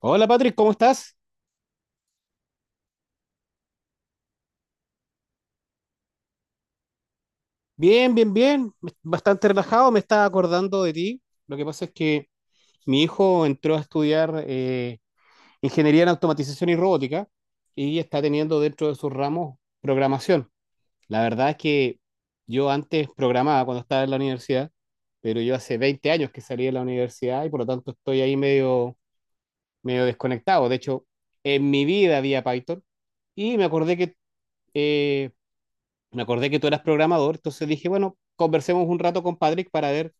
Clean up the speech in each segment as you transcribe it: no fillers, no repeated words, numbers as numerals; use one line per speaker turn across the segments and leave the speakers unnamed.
Hola Patrick, ¿cómo estás? Bien. Bastante relajado, me estaba acordando de ti. Lo que pasa es que mi hijo entró a estudiar ingeniería en automatización y robótica y está teniendo dentro de sus ramos programación. La verdad es que yo antes programaba cuando estaba en la universidad, pero yo hace 20 años que salí de la universidad y por lo tanto estoy ahí medio desconectado. De hecho, en mi vida había Python y eh, me acordé que tú eras programador, entonces dije, bueno, conversemos un rato con Patrick para ver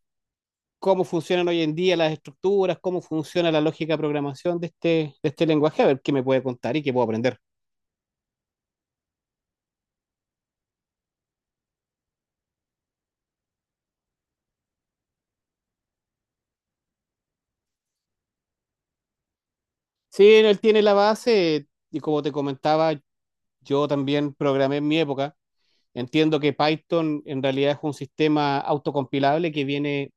cómo funcionan hoy en día las estructuras, cómo funciona la lógica de programación de este lenguaje, a ver qué me puede contar y qué puedo aprender. Sí, él tiene la base y como te comentaba, yo también programé en mi época. Entiendo que Python en realidad es un sistema autocompilable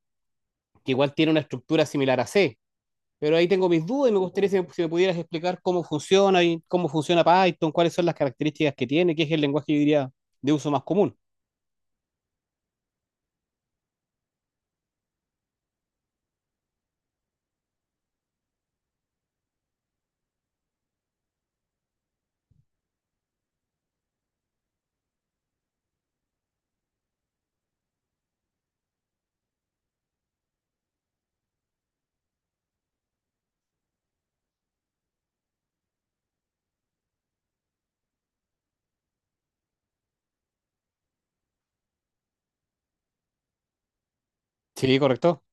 que igual tiene una estructura similar a C. Pero ahí tengo mis dudas y me gustaría si me pudieras explicar cómo funciona y cómo funciona Python, cuáles son las características que tiene, qué es el lenguaje, yo diría, de uso más común. Sí, correcto.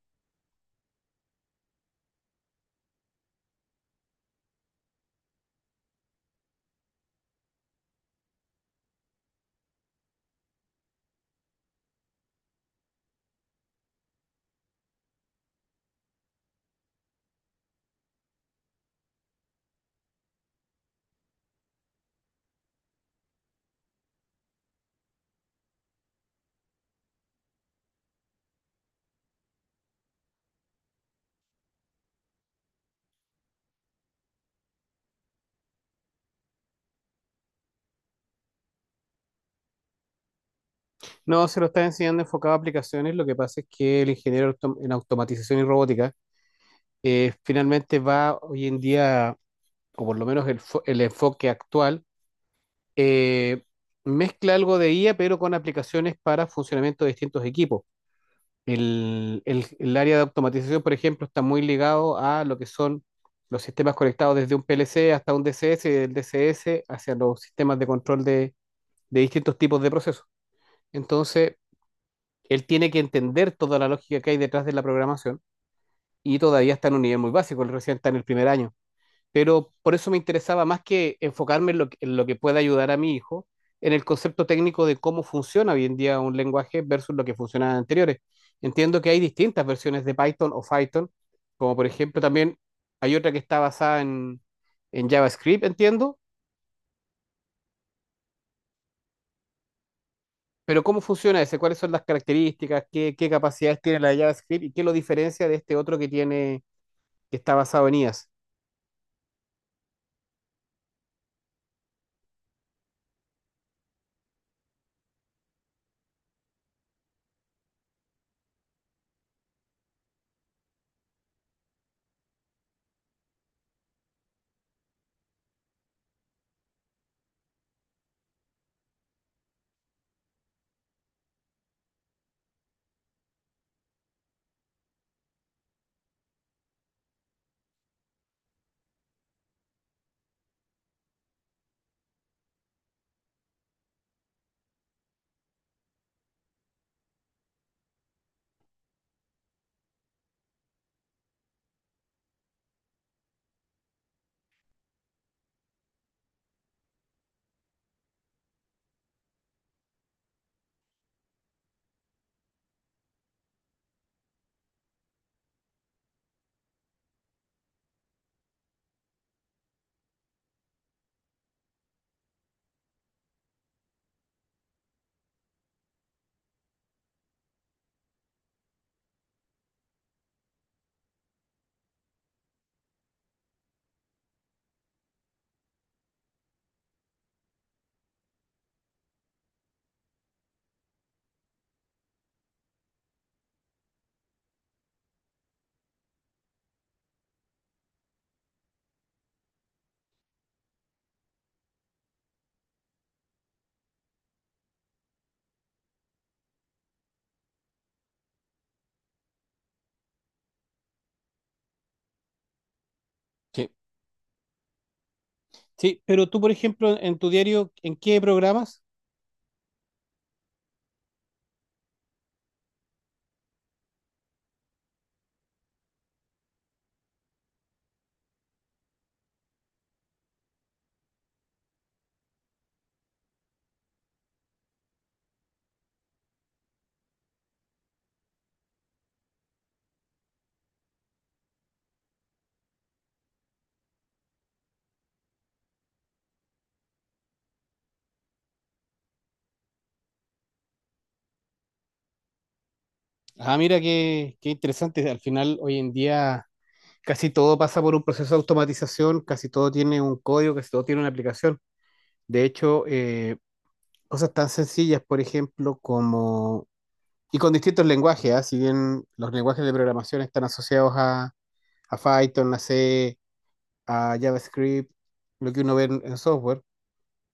No, se lo está enseñando enfocado a aplicaciones. Lo que pasa es que el en automatización y robótica finalmente va hoy en día, o por lo menos el enfoque actual, eh, mezcla algo de IA, pero con aplicaciones para funcionamiento de distintos equipos. El área de automatización, por ejemplo, está muy ligado a lo que son los sistemas conectados desde un PLC hasta un DCS y del DCS hacia los sistemas de control de distintos tipos de procesos. Entonces, él tiene que entender toda la lógica que hay detrás de la programación y todavía está en un nivel muy básico, él recién está en el primer año, pero por eso me interesaba más que enfocarme en en lo que pueda ayudar a mi hijo, en el concepto técnico de cómo funciona hoy en día un lenguaje versus lo que funcionaba anteriores. Entiendo que hay distintas versiones de Python o Python, como por ejemplo también hay otra que está basada en JavaScript, entiendo, pero ¿cómo funciona ese? ¿Cuáles son las características? ¿ Qué capacidades tiene la de JavaScript y qué lo diferencia de este otro que tiene, que está basado en IAS? Sí. Sí, pero tú, por ejemplo, en tu diario, ¿en qué programas? Ah, mira qué interesante. Al final, hoy en día, casi todo pasa por un proceso de automatización, casi todo tiene un código, casi todo tiene una aplicación. De hecho, cosas tan sencillas, por ejemplo, como... Y con distintos lenguajes, ¿ah? Si bien los lenguajes de programación están asociados a Python, a C, a JavaScript, lo que uno ve en software,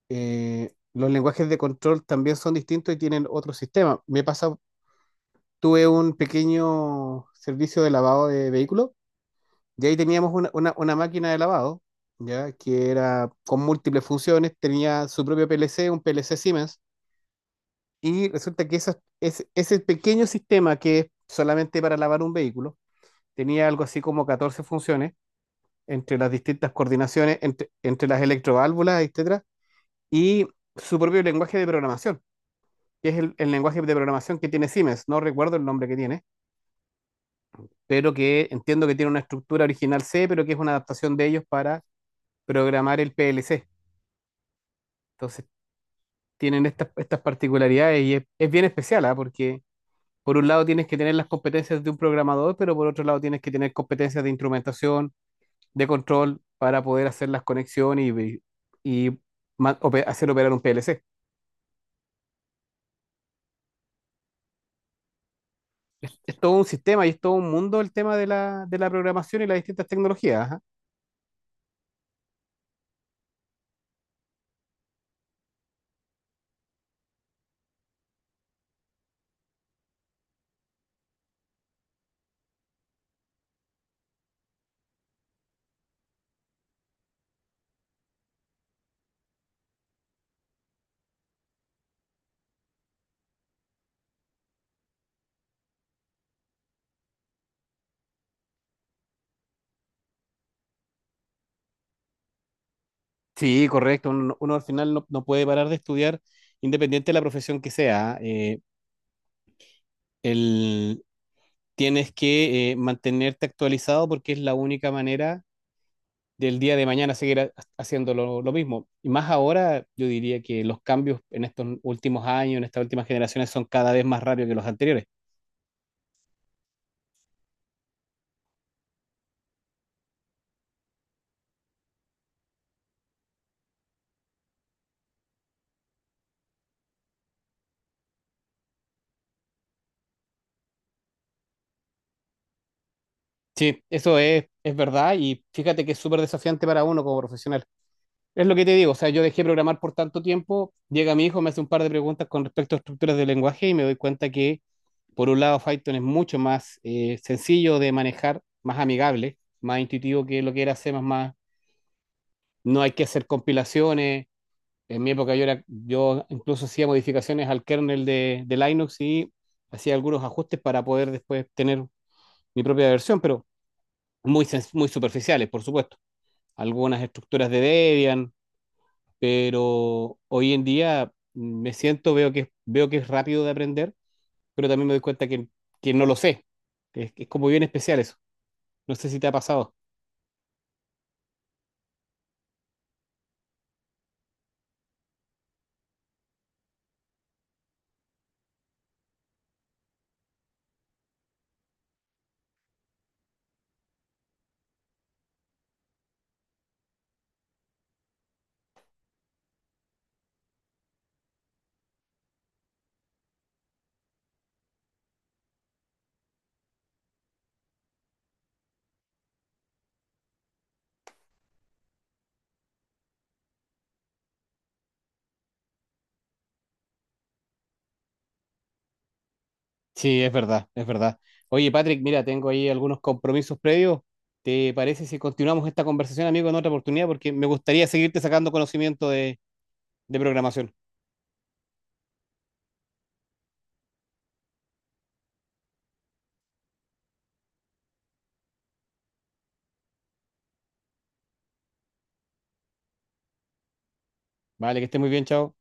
los lenguajes de control también son distintos y tienen otro sistema. Me pasa, tuve un pequeño servicio de lavado de vehículos. Y ahí teníamos una máquina de lavado, ¿ya? Que era con múltiples funciones, tenía su propio PLC, un PLC Siemens, y resulta que ese pequeño sistema que es solamente para lavar un vehículo, tenía algo así como 14 funciones entre las distintas coordinaciones, entre las electroválvulas, etcétera, y su propio lenguaje de programación, que es el lenguaje de programación que tiene Siemens, no recuerdo el nombre que tiene, pero que entiendo que tiene una estructura original C, pero que es una adaptación de ellos para programar el PLC. Entonces tienen estas particularidades y es bien especial, ¿ah? Porque por un lado tienes que tener las competencias de un programador, pero por otro lado tienes que tener competencias de instrumentación, de control, para poder hacer las conexiones y hacer operar un PLC. Es todo un sistema y es todo un mundo el tema de de la programación y las distintas tecnologías. Ajá. Sí, correcto. Uno al final no puede parar de estudiar, independiente de la profesión que sea. ¿Ah? El, tienes que mantenerte actualizado porque es la única manera del día de mañana haciendo lo mismo. Y más ahora, yo diría que los cambios en estos últimos años, en estas últimas generaciones, son cada vez más rápidos que los anteriores. Sí, es verdad y fíjate que es súper desafiante para uno como profesional. Es lo que te digo, o sea, yo dejé programar por tanto tiempo, llega mi hijo, me hace un par de preguntas con respecto a estructuras de lenguaje y me doy cuenta que, por un lado, Python es mucho más sencillo de manejar, más amigable, más intuitivo que lo que era C++. No hay que hacer compilaciones. En mi época yo incluso hacía modificaciones al kernel de Linux y hacía algunos ajustes para poder después tener mi propia versión, pero muy superficiales, por supuesto. Algunas estructuras de Debian, pero hoy en día me siento, veo que es rápido de aprender, pero también me doy cuenta que no lo sé. Es como bien especial eso. No sé si te ha pasado. Sí, es verdad. Oye, Patrick, mira, tengo ahí algunos compromisos previos. ¿Te parece si continuamos esta conversación, amigo, en otra oportunidad? Porque me gustaría seguirte sacando conocimiento de programación. Vale, que estés muy bien, chao.